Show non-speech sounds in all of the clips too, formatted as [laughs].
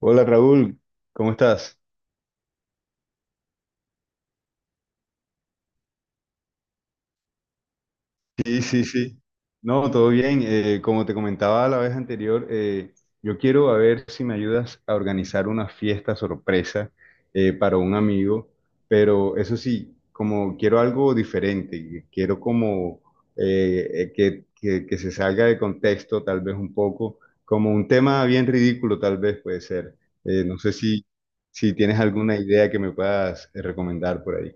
Hola Raúl, ¿cómo estás? Sí, sí, sí. No, todo bien. Como te comentaba la vez anterior, yo quiero a ver si me ayudas a organizar una fiesta sorpresa para un amigo, pero eso sí, como quiero algo diferente, quiero como que se salga de contexto tal vez un poco, como un tema bien ridículo tal vez puede ser. No sé si, si tienes alguna idea que me puedas recomendar por ahí.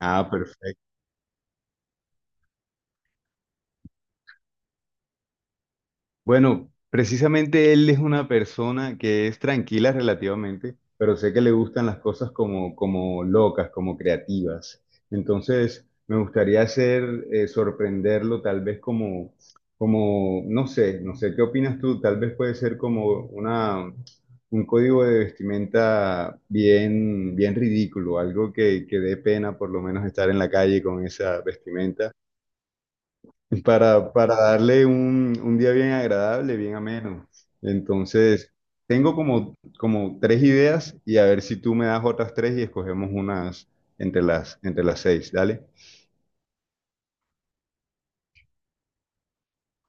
Ah, perfecto. Bueno, precisamente él es una persona que es tranquila relativamente, pero sé que le gustan las cosas como locas, como creativas. Entonces, me gustaría hacer, sorprenderlo tal vez no sé, no sé, ¿qué opinas tú? Tal vez puede ser como una, un código de vestimenta bien, bien ridículo, algo que dé pena por lo menos estar en la calle con esa vestimenta para darle un día bien agradable, bien ameno. Entonces, tengo como tres ideas y a ver si tú me das otras tres y escogemos unas entre las seis. Dale.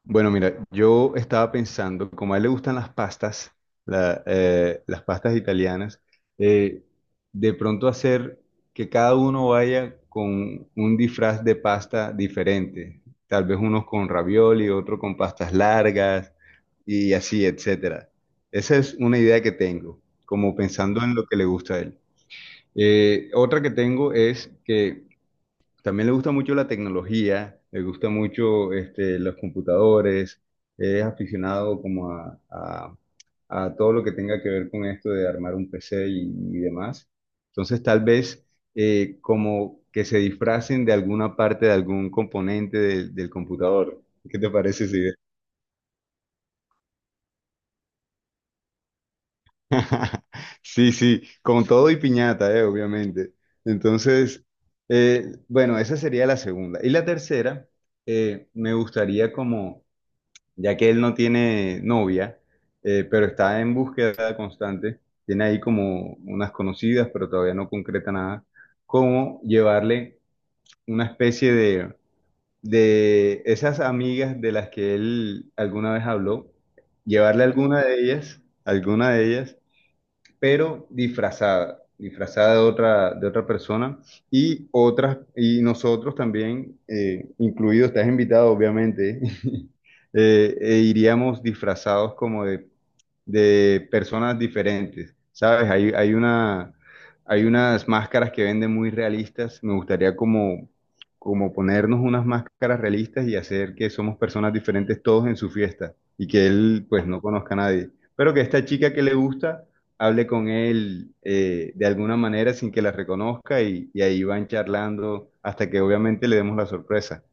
Bueno, mira, yo estaba pensando, como a él le gustan las pastas, las pastas italianas, eh, de pronto hacer que cada uno vaya con un disfraz de pasta diferente, tal vez unos con ravioli, otro con pastas largas y así, etcétera. Esa es una idea que tengo, como pensando en lo que le gusta a él. Otra que tengo es que también le gusta mucho la tecnología, le gusta mucho este, los computadores, es aficionado como a todo lo que tenga que ver con esto de armar un PC y demás. Entonces tal vez como que se disfracen de alguna parte, de algún componente del computador. ¿Qué te parece esa idea? [laughs] Sí, sí, con todo y piñata, obviamente. Entonces, bueno, esa sería la segunda. Y la tercera, me gustaría como ya que él no tiene novia, pero está en búsqueda constante, tiene ahí como unas conocidas, pero todavía no concreta nada, cómo llevarle una especie de esas amigas de las que él alguna vez habló, llevarle alguna de ellas pero disfrazada, disfrazada de otra persona y otras, y nosotros también, incluido, estás invitado obviamente, [laughs] iríamos disfrazados como de personas diferentes, ¿sabes? Hay una, hay unas máscaras que venden muy realistas. Me gustaría como ponernos unas máscaras realistas y hacer que somos personas diferentes todos en su fiesta y que él pues no conozca a nadie. Pero que esta chica que le gusta hable con él de alguna manera sin que la reconozca y ahí van charlando hasta que obviamente le demos la sorpresa.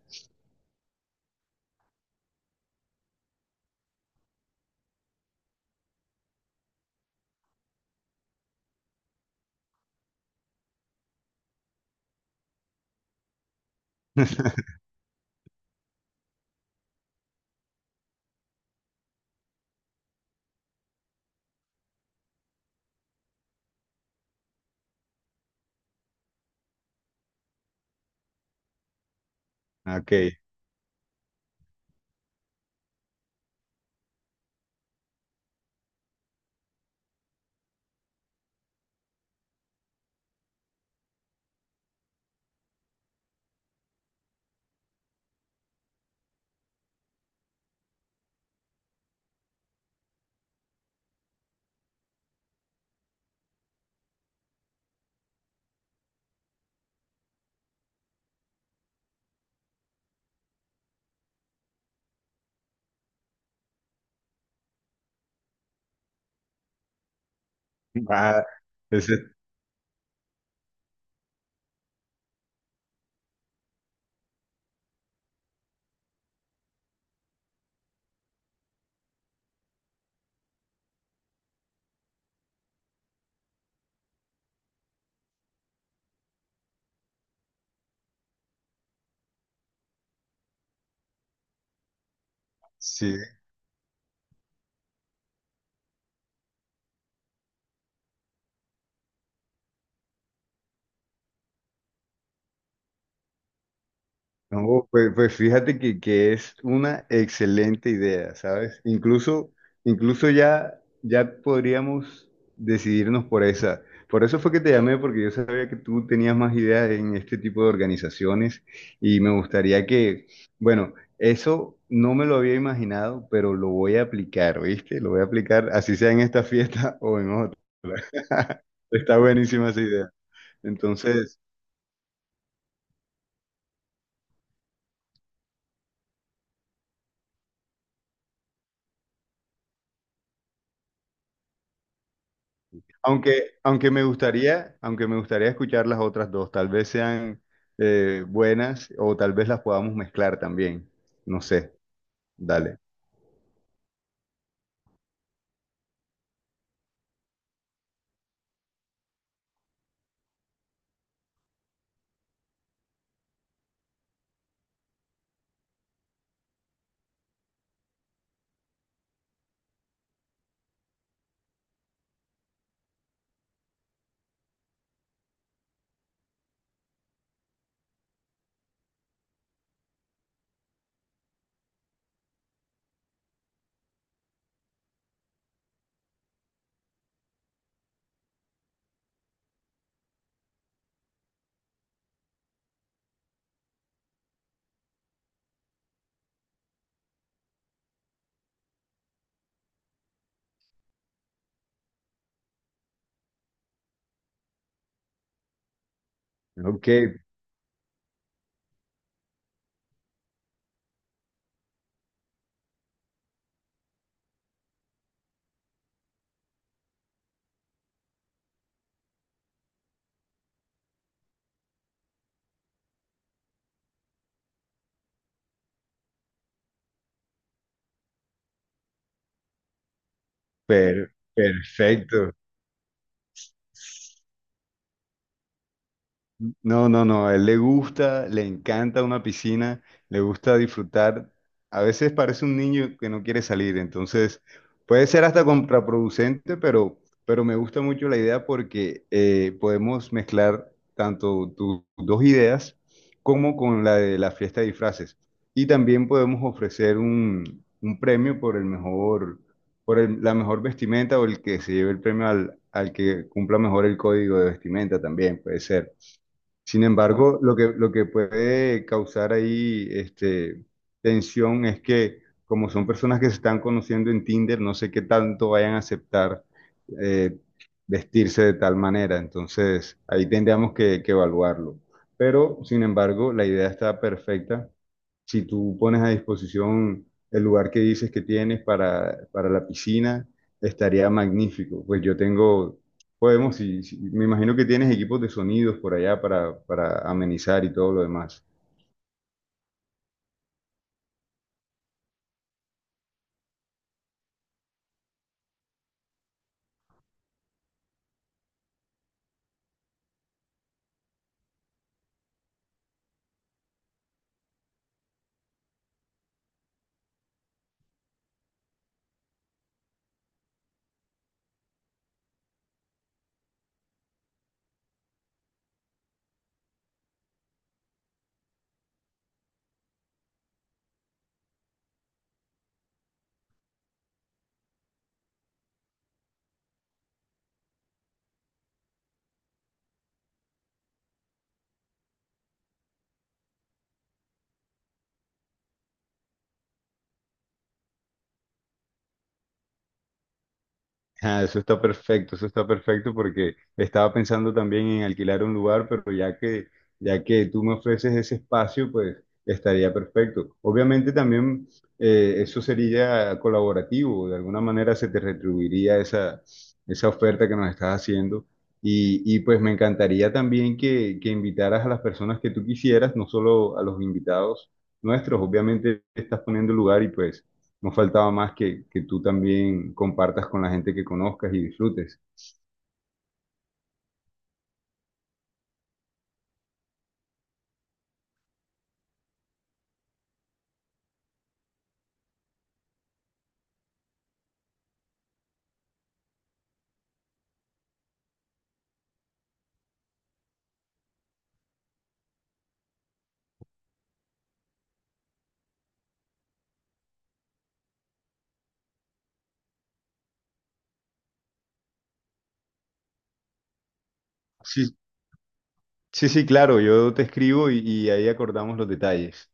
Ok, [laughs] va. Ese- sí. No, pues, pues fíjate que es una excelente idea, ¿sabes? Incluso, incluso ya, ya podríamos decidirnos por esa. Por eso fue que te llamé, porque yo sabía que tú tenías más ideas en este tipo de organizaciones y me gustaría que, bueno, eso no me lo había imaginado, pero lo voy a aplicar, ¿viste? Lo voy a aplicar, así sea en esta fiesta [laughs] o en otra. [laughs] Está buenísima esa idea. Entonces... Aunque, aunque me gustaría escuchar las otras dos, tal vez sean buenas o tal vez las podamos mezclar también. No sé, dale. Ok, per- perfecto. No, no, no, a él le gusta, le encanta una piscina, le gusta disfrutar. A veces parece un niño que no quiere salir, entonces puede ser hasta contraproducente, pero me gusta mucho la idea porque podemos mezclar tanto tus dos ideas como con la de la fiesta de disfraces. Y también podemos ofrecer un premio por el mejor, por el- la mejor vestimenta o el que se lleve el premio al, al que cumpla mejor el código de vestimenta también, puede ser. Sin embargo, lo que puede causar ahí este, tensión es que como son personas que se están conociendo en Tinder, no sé qué tanto vayan a aceptar eh, vestirse de tal manera. Entonces, ahí tendríamos que evaluarlo. Pero, sin embargo, la idea está perfecta si tú pones a disposición el lugar que dices que tienes para la piscina, estaría magnífico. Pues yo tengo, podemos, si- si- me imagino que tienes equipos de sonidos por allá para amenizar y todo lo demás. Ah, eso está perfecto porque estaba pensando también en alquilar un lugar, pero ya que tú me ofreces ese espacio, pues estaría perfecto. Obviamente también eso sería colaborativo, de alguna manera se te retribuiría esa, esa oferta que nos estás haciendo. Y pues me encantaría también que invitaras a las personas que tú quisieras, no solo a los invitados nuestros, obviamente estás poniendo el lugar y pues... No faltaba más que tú también compartas con la gente que conozcas y disfrutes. Sí, sí, sí, claro, yo te escribo y ahí acordamos los detalles.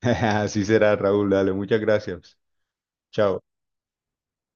[laughs] Así será, Raúl, dale, muchas gracias. Chao.